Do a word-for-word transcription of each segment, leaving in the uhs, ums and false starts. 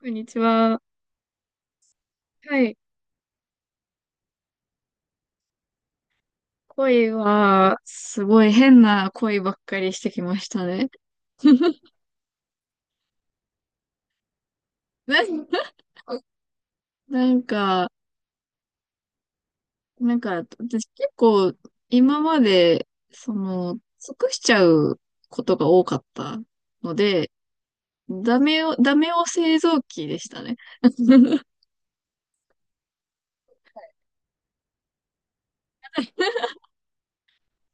こんにちは。はい。恋は、すごい変な恋ばっかりしてきましたね。なんなんか、なんか、私結構、今まで、その、尽くしちゃうことが多かったので、ダメを、ダメを製造機でしたね。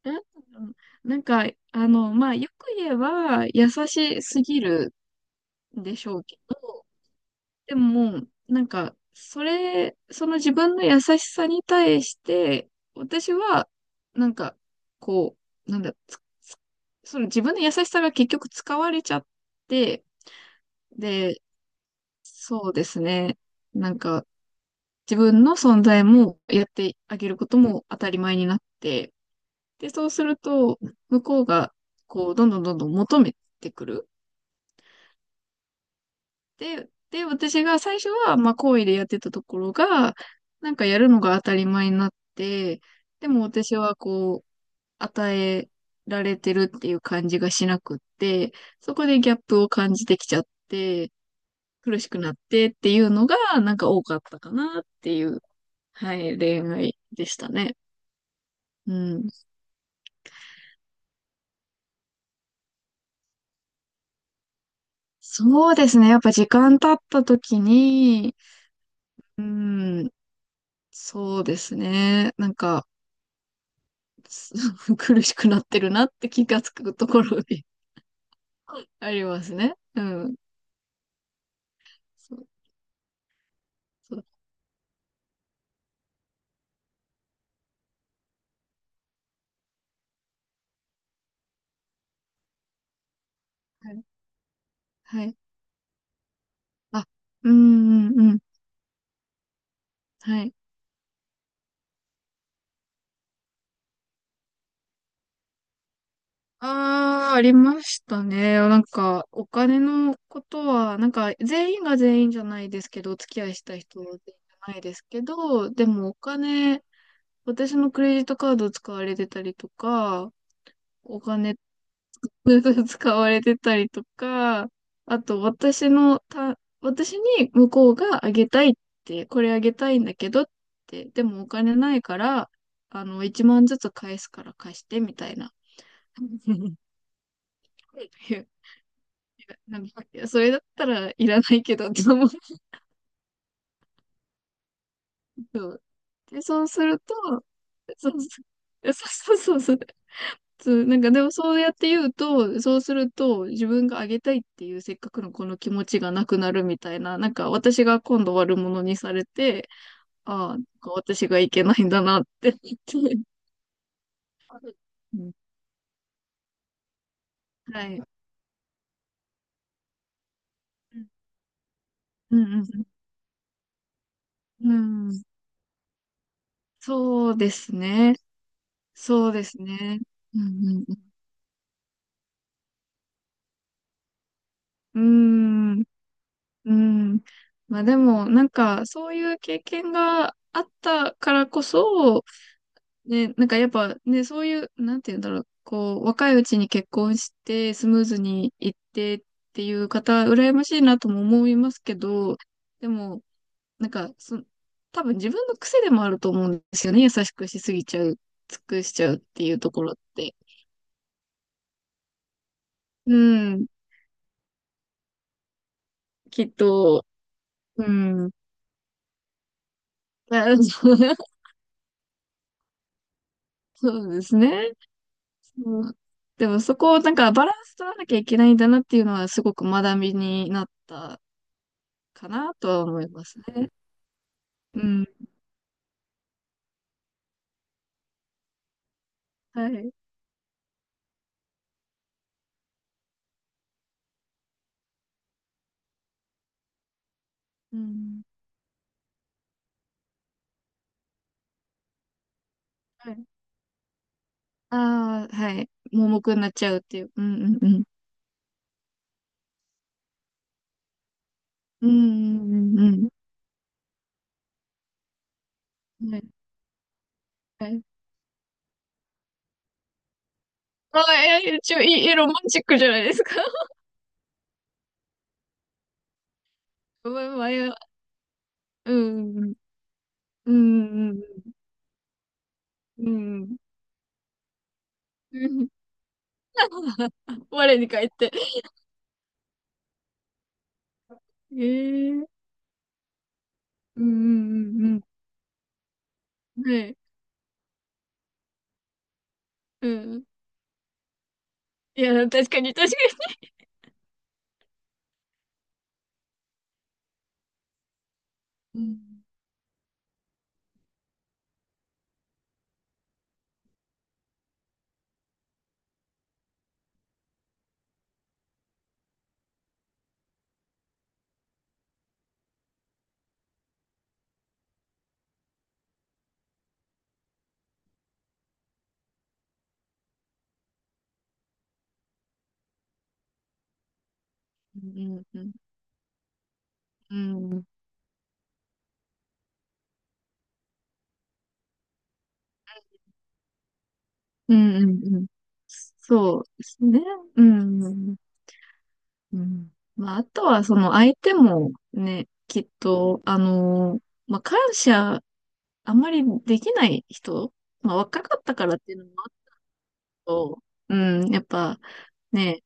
なんなんか、あの、まあ、よく言えば、優しすぎるんでしょうけど、でももう、なんか、それ、その自分の優しさに対して、私は、なんか、こう、なんだ、つその自分の優しさが結局使われちゃって、で、そうですね。なんか、自分の存在もやってあげることも当たり前になって、で、そうすると、向こうが、こう、どんどんどんどん求めてくる。で、で、私が最初は、まあ、好意でやってたところが、なんかやるのが当たり前になって、でも私はこう、与えられてるっていう感じがしなくって、そこでギャップを感じてきちゃって、苦しくなってっていうのが、なんか多かったかなっていう、はい、恋愛でしたね。うん。そうですね。やっぱ時間経った時に、うん、そうですね。なんか、苦しくなってるなって気がつくところに ありますね。うん。そう、そう。はい。はい。あ、うん、うん、うん。はい。ああ、ありましたね。なんか、お金のことは、なんか、全員が全員じゃないですけど、お付き合いした人は全員じゃないですけど、でもお金、私のクレジットカード使われてたりとか、お金 使われてたりとか、あと私のた、私に向こうがあげたいって、これあげたいんだけどって、でもお金ないから、あの、いちまんずつ返すから貸してみたいな。いや、いやなんか、いや、それだったらいらないけどって思うけど。で、そうすると、そうそう、そうそうそうそう。そう、なんかでもそうやって言うと、そうすると自分があげたいっていうせっかくのこの気持ちがなくなるみたいな、なんか私が今度悪者にされて、ああ、なんか私がいけないんだなって言って。うん、はい。うんうんうん。うん。そうですね。そうですね。うんうんうん。うん。うん。まあでも、なんか、そういう経験があったからこそ、ね、なんかやっぱね、そういう、なんて言うんだろう、こう、若いうちに結婚してスムーズにいってっていう方、羨ましいなとも思いますけど、でも、なんか、そ、多分自分の癖でもあると思うんですよね。優しくしすぎちゃう、尽くしちゃうっていうところって。うん、きっと、うん。あ、そう そうですね。そう、でもそこをなんかバランス取らなきゃいけないんだなっていうのはすごく学びになったかなとは思いますね。うん。はい。うん。はい。ああ、はい。盲目になっちゃうっていう。うんうんうん。うんうんうんうん。はい。はい。ああ、いや、一応、いい、ロマンチックじゃないですか。前は、前や。うん。うん。うん。うん。うん、我に返って。ええ、うんうんうんうん。はい。うん。いや、確かに、確かに。うん。うんうんうん。うん。うんうんうんうん、そうですね。うん。うん。まあ、あとは、その相手もね、きっと、あのーまあ、感謝、あんまりできない人、まあ、若かったからっていうのもあと、うん、やっぱね、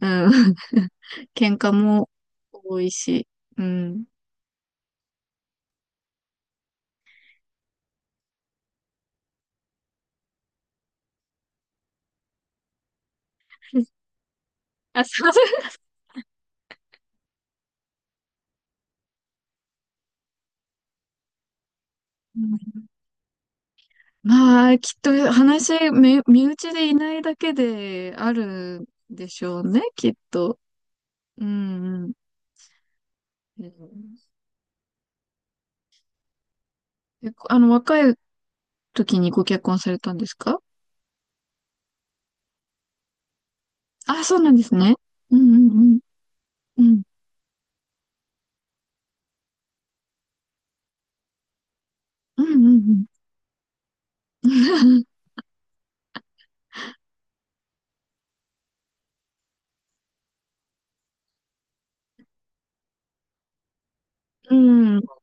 うん、喧嘩も多いし、うん。あ、すいません。うん。 まあ、きっと話、め身内でいないだけであるんでしょうね、きっと。うん、うん。うん、えあの、若い時にご結婚されたんですか？あ、そうなんですね。うんうんうん。うん。うんうんうん。うん。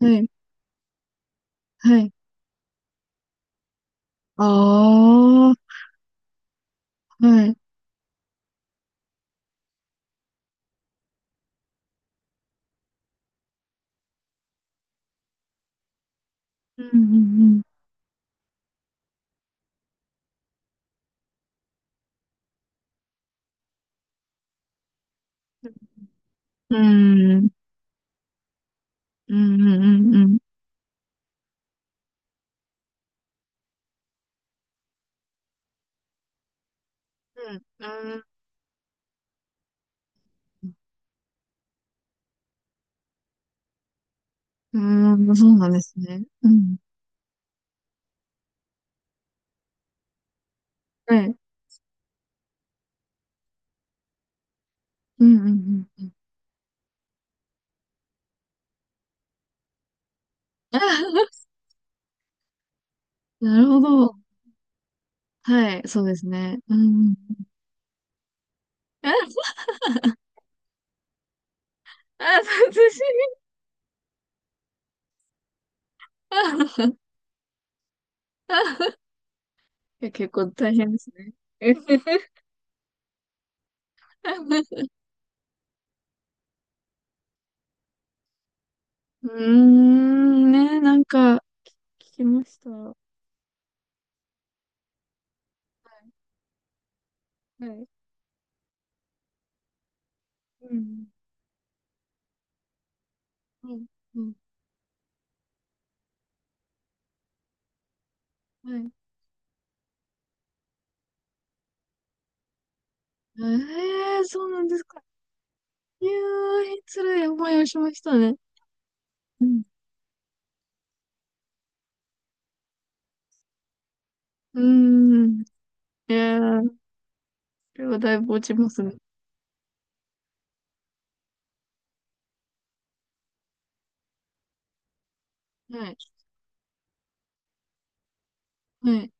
はい。はい。ああ、はい。うんうんうん。うん。うんうんうんうん。うん。うん。うーん、そうなんですね。うん。はい。うんうんうんうん、はいはい、ああ、はい、うんうんうんうんうんうんうんうんうんうんうん、そうなんですね、うん、はい、うんうんうんうん。 なるほど。はい、そうですね。うん。あ、あ、殺人。あ、いや、結構大変ですね。うーん、ね、なんか、聞きました。はい。うん。うん、うん、はい。ええー、そうなんですか。いやー、つらい思いをしましたね。うん。うーん。いやー、これはだいぶ落ちますね。はい。はい。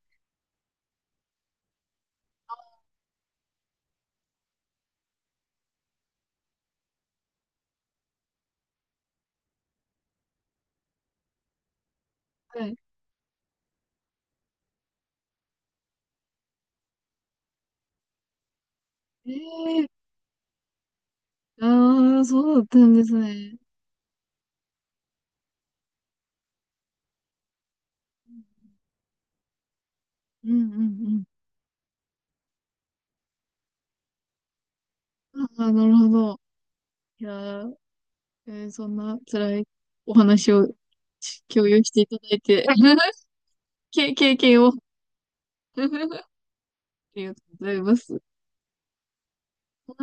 はい。ええー、ああ、そうだったんですね。うん、うん、うん。ああ、なるほど。いやー、えーそんな辛いお話を共有していただいて、経経験を ありがとうございます。